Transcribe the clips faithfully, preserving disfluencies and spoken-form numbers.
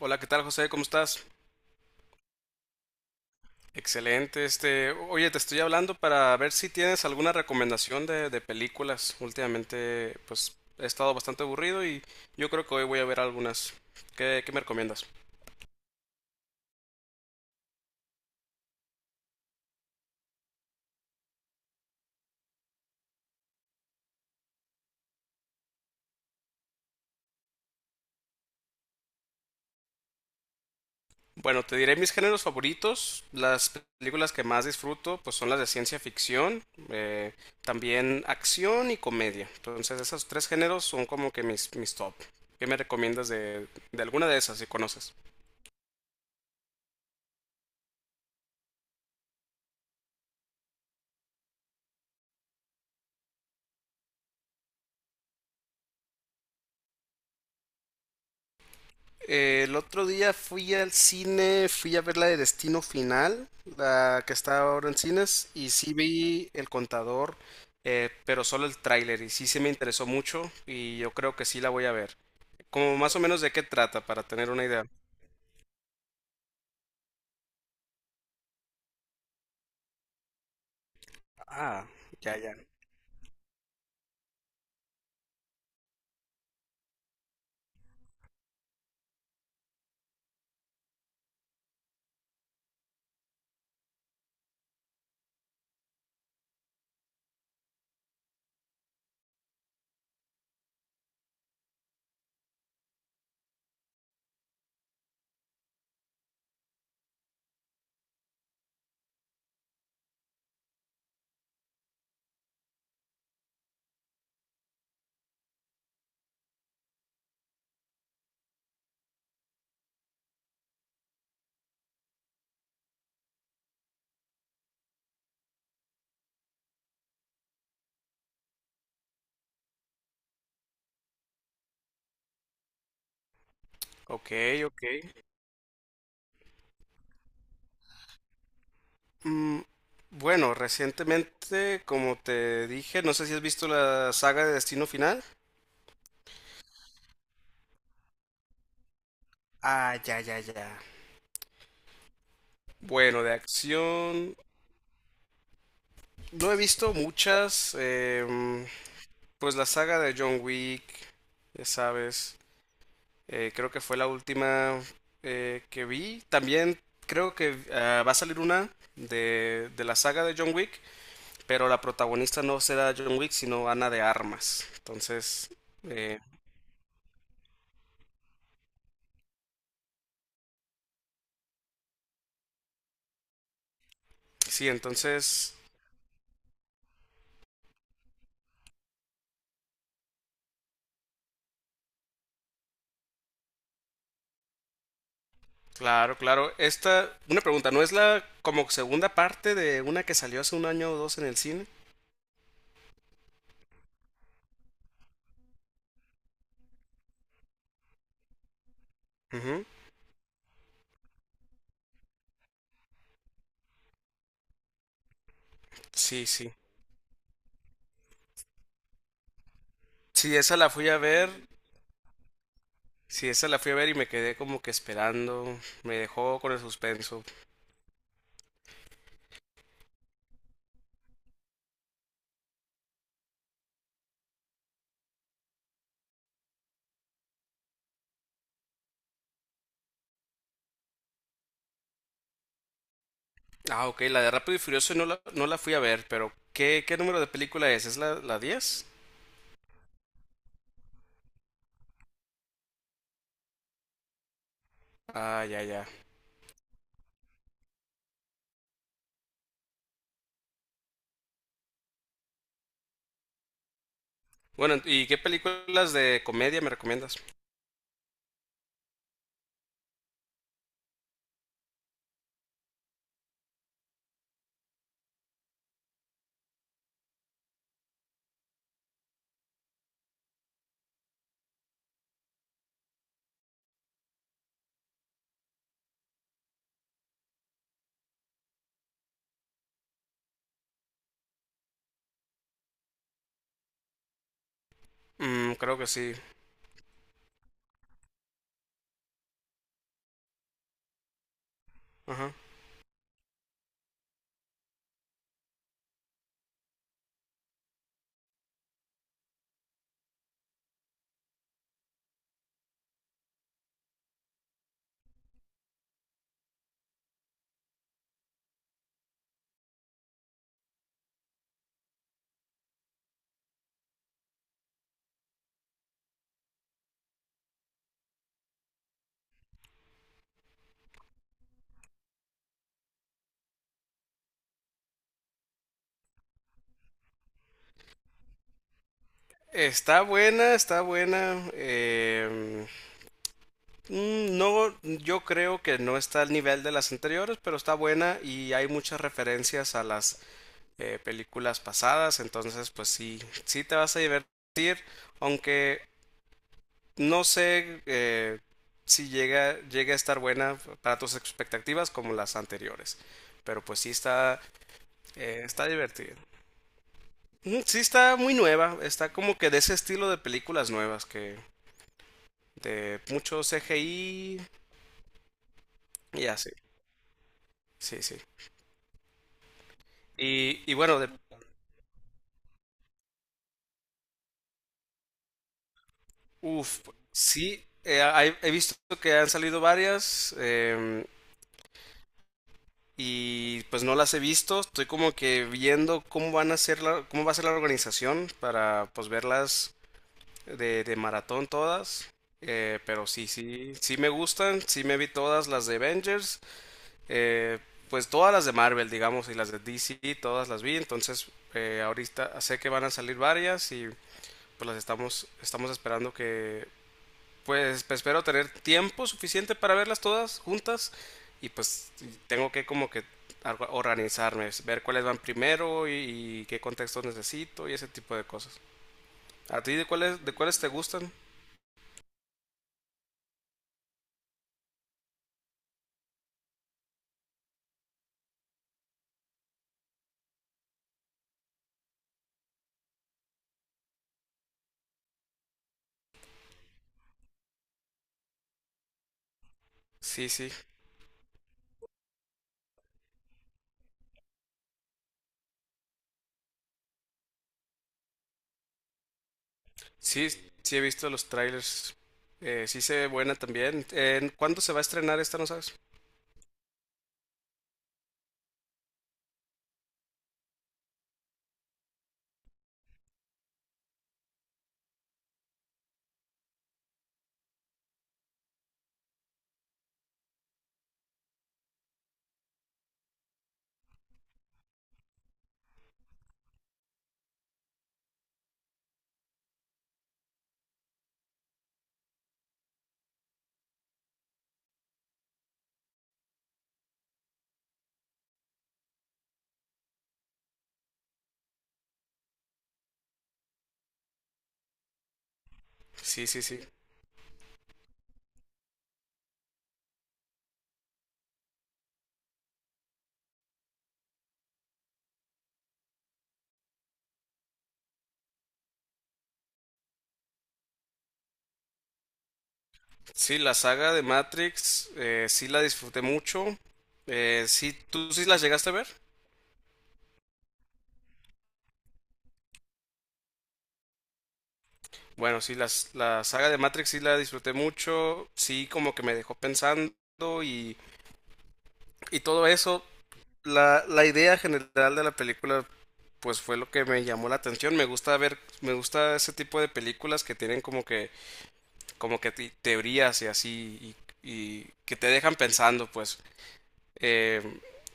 Hola, ¿qué tal, José? ¿Cómo estás? Excelente. Este, oye, te estoy hablando para ver si tienes alguna recomendación de, de películas. Últimamente, pues he estado bastante aburrido, y yo creo que hoy voy a ver algunas. ¿Qué, qué me recomiendas? Bueno, te diré mis géneros favoritos. Las películas que más disfruto, pues son las de ciencia ficción, eh, también acción y comedia. Entonces, esos tres géneros son como que mis, mis top. ¿Qué me recomiendas de, de alguna de esas, si conoces? Eh, el otro día fui al cine, fui a ver la de Destino Final, la que está ahora en cines, y sí vi El Contador, eh, pero solo el tráiler, y sí se me interesó mucho, y yo creo que sí la voy a ver. Como más o menos de qué trata, para tener una idea. Ah, ya, ya. Ok, ok. Mm, bueno, recientemente, como te dije, no sé si has visto la saga de Destino Final. Ah, ya, ya, ya. Bueno, de acción. No he visto muchas. Eh, pues la saga de John Wick, ya sabes. Eh, creo que fue la última eh, que vi. También creo que ah, va a salir una de, de la saga de John Wick, pero la protagonista no será John Wick, sino Ana de Armas. Entonces, eh, sí, entonces, claro, claro. Esta, una pregunta, ¿no es la como segunda parte de una que salió hace un año o dos en el cine? Ujú. Sí, sí. Sí, esa la fui a ver. Sí, esa la fui a ver y me quedé como que esperando. Me dejó con el suspenso. Ah, ok, la de Rápido y Furioso no la, no la fui a ver, pero ¿qué, qué número de película es? ¿Es la, la diez? Ah, ya, ya. Bueno, ¿y qué películas de comedia me recomiendas? Mm, creo que sí. Ajá. Está buena, está buena. em, Mm, No, yo creo que no está al nivel de las anteriores, pero está buena y hay muchas referencias a las eh, películas pasadas. Entonces, pues sí, sí te vas a divertir, aunque no sé eh, si llega, llega a estar buena para tus expectativas como las anteriores, pero pues sí está, eh, está divertida. Ujú. Sí, está muy nueva, está como que de ese estilo de películas nuevas que de mucho C G I y así, sí, sí. Y, y bueno, de, uf, sí, eh, hay- he visto que han salido varias, em, y pues no las he visto. Estoy como que viendo cómo van a ser la, cómo va a ser la organización para pues verlas de, de maratón todas. Eh, pero sí, sí, sí me gustan, sí me vi todas las de Avengers, eh, pues todas las de Marvel, digamos, y las de D C, todas las vi. Entonces, eh, ahorita sé que van a salir varias, y pues las estamos, estamos esperando que pues, pues, espero tener tiempo suficiente para verlas todas juntas. Y pues tengo que como que arg- organizarme, es ver cuáles van primero y, y qué contextos necesito y ese tipo de cosas. ¿A ti de cuáles, de cuáles te gustan? Sí, sí. Sí, sí he visto los trailers. Eh, sí se ve buena también. Eh, ¿cuándo se va a estrenar esta, no sabes? Sí, sí, sí. Sí, la saga de Matrix, eh, sí la disfruté mucho. Eh, sí, ¿tú sí las llegaste a ver? Bueno, sí, las, la saga de Matrix sí la disfruté mucho, sí como que me dejó pensando y, y todo eso. La, la idea general de la película pues fue lo que me llamó la atención. Me gusta ver, me gusta ese tipo de películas que tienen como que, como que te- teorías y así, y, y que te dejan pensando, pues. Eh,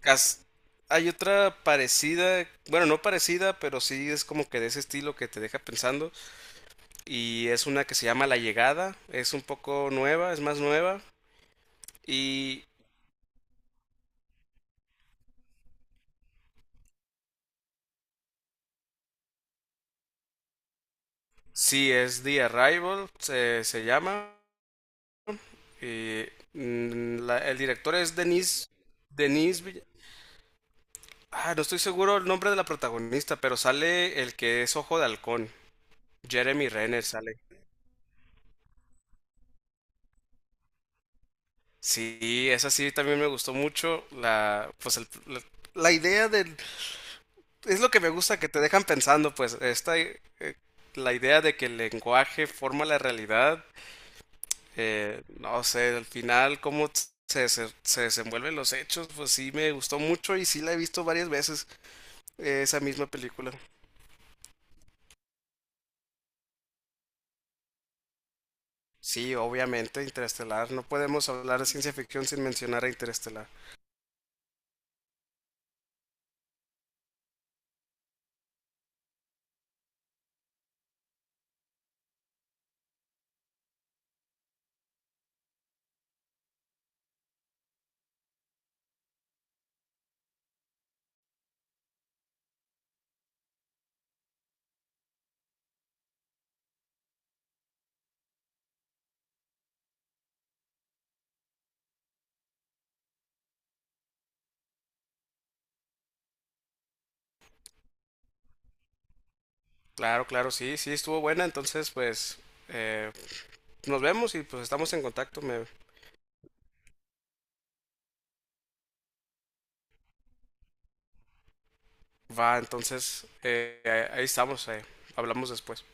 cas- Hay otra parecida, bueno, no parecida, pero sí es como que de ese estilo que te deja pensando, y es una que se llama La Llegada, es un poco nueva, es más nueva y sí, es The Arrival, se, se llama. Y, mm, la- el director es Denis, Denis Vill- Ah, no estoy seguro el nombre de la protagonista, pero sale el que es Ojo de Halcón, Jeremy Renner sale. Sí, esa sí también me gustó mucho. La, pues el- la, la idea del, es lo que me gusta, que te dejan pensando, pues esta, eh, la idea de que el lenguaje forma la realidad. Eh, no sé, al final cómo se, se, se desenvuelven los hechos, pues sí me gustó mucho y sí la he visto varias veces, eh, esa misma película. Sí, obviamente, Interestelar. No podemos hablar de ciencia ficción sin mencionar a Interestelar. Claro, claro, sí, sí, estuvo buena. Entonces, pues, eh, nos vemos y pues estamos en contacto. Me va, entonces, eh, ahí estamos. eh, Hablamos después.